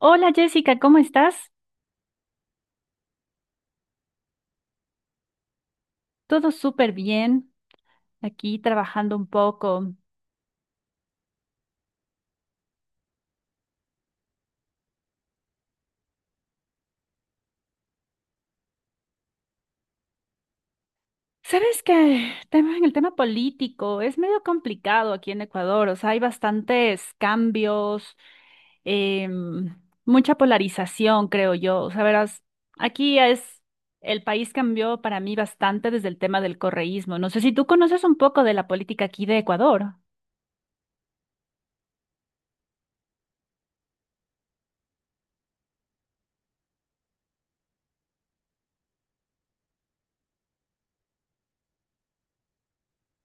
Hola Jessica, ¿cómo estás? Todo súper bien, aquí trabajando un poco. Sabes que en el tema político es medio complicado aquí en Ecuador, o sea, hay bastantes cambios, em, mucha polarización, creo yo. O sea, verás, aquí es, el país cambió para mí bastante desde el tema del correísmo. No sé si tú conoces un poco de la política aquí de Ecuador.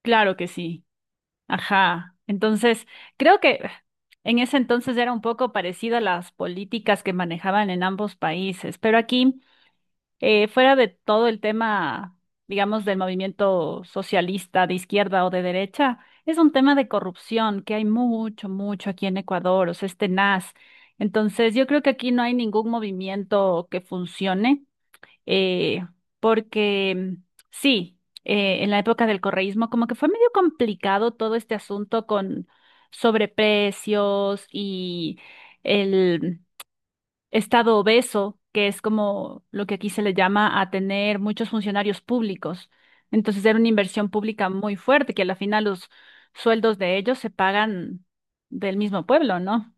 Claro que sí. Ajá. Entonces, creo que en ese entonces era un poco parecido a las políticas que manejaban en ambos países, pero aquí, fuera de todo el tema, digamos, del movimiento socialista de izquierda o de derecha, es un tema de corrupción que hay mucho, mucho aquí en Ecuador, o sea, es tenaz. Entonces, yo creo que aquí no hay ningún movimiento que funcione eh, porque sí, en la época del correísmo como que fue medio complicado todo este asunto con sobreprecios y el estado obeso, que es como lo que aquí se le llama a tener muchos funcionarios públicos. Entonces era una inversión pública muy fuerte, que a la final los sueldos de ellos se pagan del mismo pueblo, ¿no?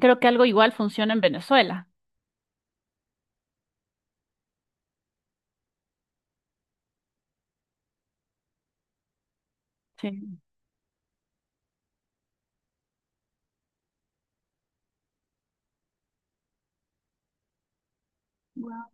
Creo que algo igual funciona en Venezuela. Sí. Wow.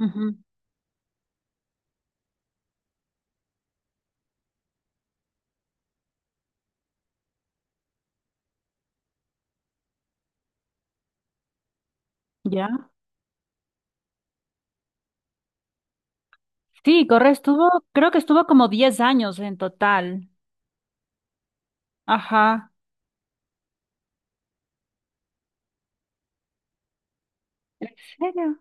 Ujú. ¿Ya? Sí, Correa estuvo, creo que estuvo como 10 años en total. Ajá. ¿En serio?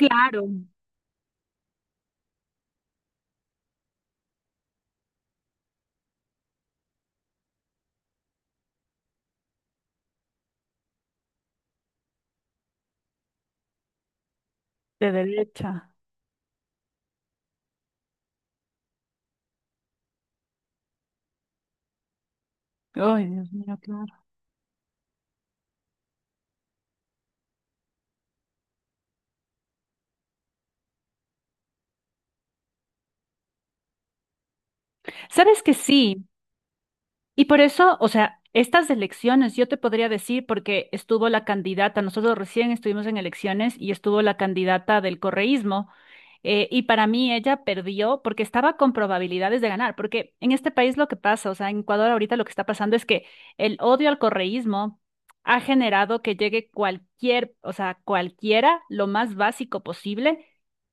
Claro, de derecha. Ay, Dios mío, claro. ¿Sabes que sí? Y por eso, o sea, estas elecciones, yo te podría decir, porque estuvo la candidata, nosotros recién estuvimos en elecciones y estuvo la candidata del correísmo, y para mí ella perdió porque estaba con probabilidades de ganar, porque en este país lo que pasa, o sea, en Ecuador ahorita lo que está pasando es que el odio al correísmo ha generado que llegue cualquier, o sea, cualquiera, lo más básico posible,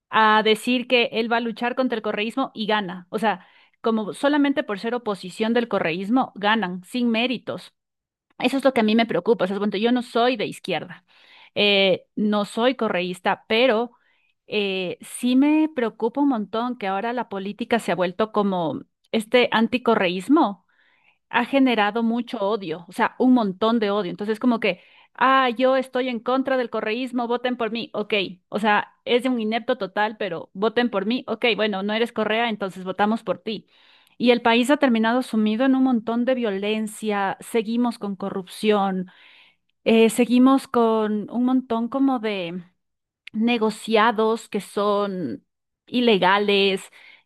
a decir que él va a luchar contra el correísmo y gana. O sea, como solamente por ser oposición del correísmo, ganan sin méritos. Eso es lo que a mí me preocupa. O sea, bueno, yo no soy de izquierda, no soy correísta, pero sí me preocupa un montón que ahora la política se ha vuelto como este anticorreísmo ha generado mucho odio, o sea, un montón de odio. Entonces, como que, ah, yo estoy en contra del correísmo, voten por mí, ok. O sea, es un inepto total, pero voten por mí, ok, bueno, no eres Correa, entonces votamos por ti. Y el país ha terminado sumido en un montón de violencia, seguimos con corrupción, seguimos con un montón como de negociados que son ilegales,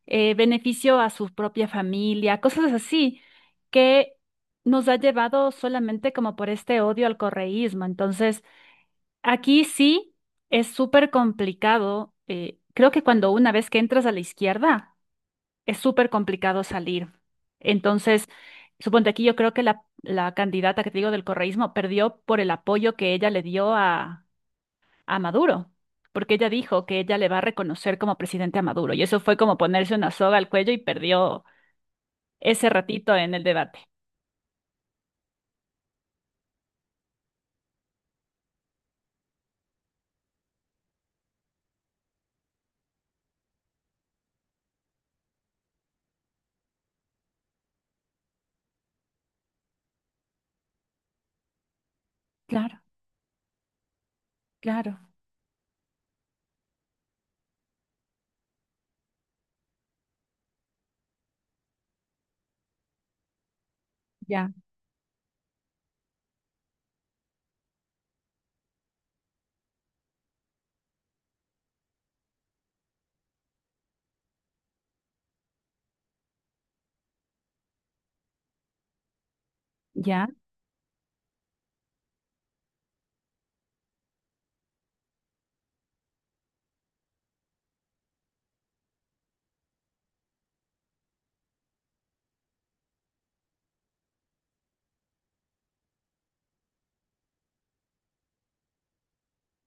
beneficio a su propia familia, cosas así que nos ha llevado solamente como por este odio al correísmo. Entonces, aquí sí es súper complicado. Creo que cuando una vez que entras a la izquierda, es súper complicado salir. Entonces, suponte aquí yo creo que la candidata que te digo del correísmo perdió por el apoyo que ella le dio a Maduro, porque ella dijo que ella le va a reconocer como presidente a Maduro, y eso fue como ponerse una soga al cuello y perdió ese ratito en el debate. Claro, claro, ya, ya,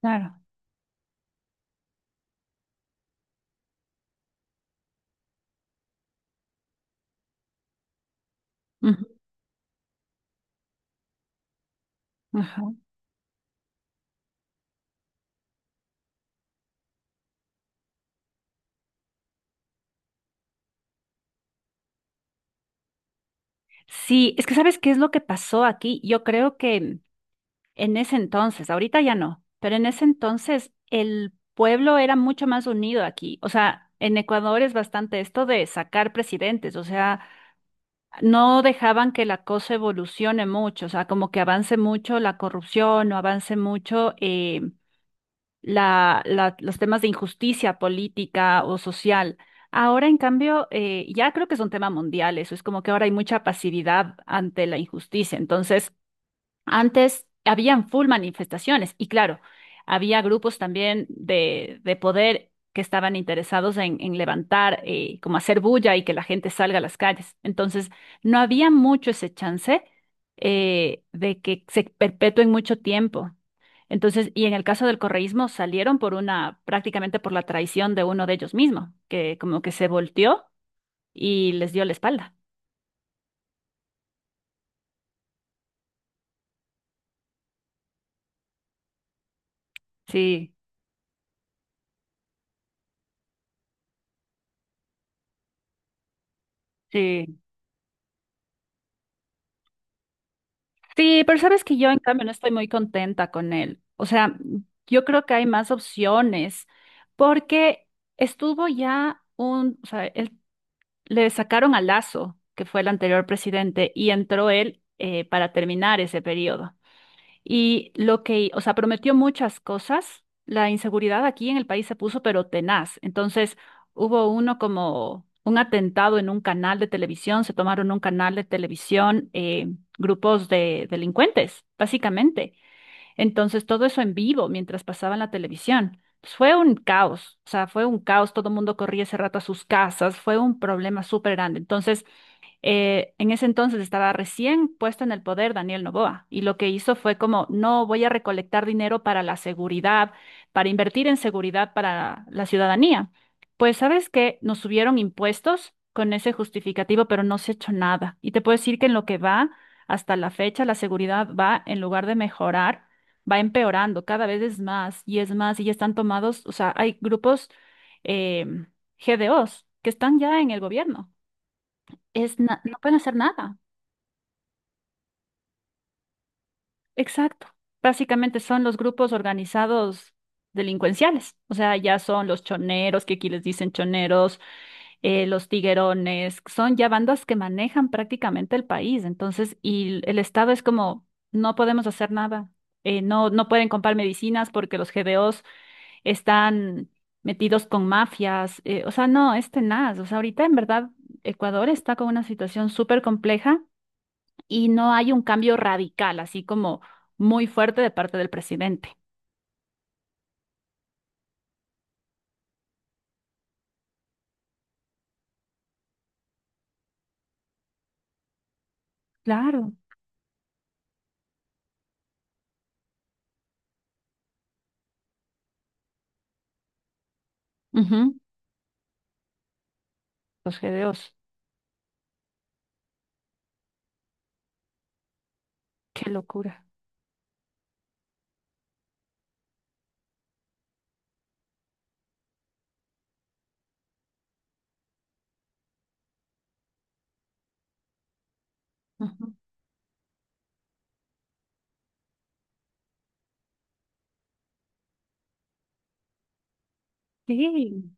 claro. Ujú, ajá. Sí, es que ¿sabes qué es lo que pasó aquí? Yo creo que en ese entonces, ahorita ya no, pero en ese entonces el pueblo era mucho más unido aquí. O sea, en Ecuador es bastante esto de sacar presidentes, o sea, no dejaban que la cosa evolucione mucho, o sea, como que avance mucho la corrupción o avance mucho los temas de injusticia política o social. Ahora, en cambio, ya creo que es un tema mundial, eso es como que ahora hay mucha pasividad ante la injusticia. Entonces, antes habían full manifestaciones y claro, había grupos también de poder que estaban interesados en levantar, como hacer bulla y que la gente salga a las calles. Entonces, no había mucho ese chance de que se perpetúen mucho tiempo. Entonces, y en el caso del correísmo salieron por una, prácticamente por la traición de uno de ellos mismo, que como que se volteó y les dio la espalda. Sí, sí. Sí, pero sabes que yo en cambio no estoy muy contenta con él. O sea, yo creo que hay más opciones porque estuvo ya un, o sea, él- le sacaron a Lazo, que fue el anterior presidente, y entró él para terminar ese periodo. Y lo que, o sea, prometió muchas cosas. La inseguridad aquí en el país se puso pero tenaz. Entonces, hubo uno como un atentado en un canal de televisión, se tomaron un canal de televisión, grupos de delincuentes, básicamente. Entonces, todo eso en vivo mientras pasaba en la televisión. Pues fue un caos, o sea, fue un caos, todo el mundo corría ese rato a sus casas, fue un problema súper grande. Entonces, en ese entonces estaba recién puesto en el poder Daniel Noboa y lo que hizo fue como, no voy a recolectar dinero para la seguridad, para invertir en seguridad para la ciudadanía. Pues sabes que nos subieron impuestos con ese justificativo, pero no se ha hecho nada. Y te puedo decir que en lo que va hasta la fecha, la seguridad va, en lugar de mejorar, va empeorando, cada vez es más y ya están tomados, o sea, hay grupos eh, GDOs que están ya en el gobierno no pueden hacer nada. Exacto. Básicamente son los grupos organizados delincuenciales. O sea, ya son los choneros, que aquí les dicen choneros, los tiguerones, son ya bandas que manejan prácticamente el país. Entonces, y el Estado es como, no podemos hacer nada. No, no pueden comprar medicinas porque los GBOs están metidos con mafias. O sea, no, es tenaz. O sea, ahorita en verdad Ecuador está con una situación súper compleja y no hay un cambio radical, así como muy fuerte de parte del presidente. Claro. Ujú, los GDOs. Qué locura. Ujú. Sí.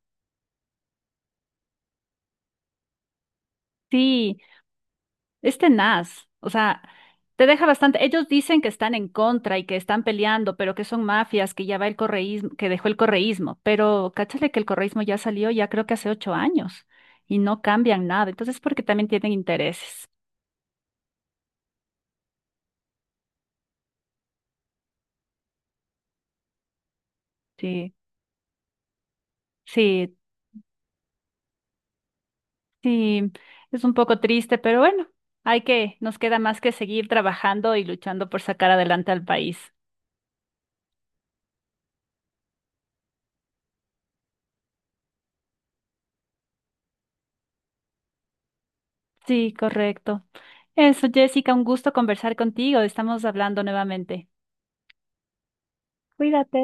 Sí, es tenaz. O sea, te deja bastante. Ellos dicen que están en contra y que están peleando, pero que son mafias, que ya va el correísmo, que dejó el correísmo. Pero cáchale que el correísmo ya salió ya creo que hace 8 años y no cambian nada. Entonces, porque también tienen intereses. Sí. Sí, sí, es un poco triste, pero bueno, hay que, nos queda más que seguir trabajando y luchando por sacar adelante al país. Sí, correcto. Eso, Jessica, un gusto conversar contigo. Estamos hablando nuevamente. Cuídate.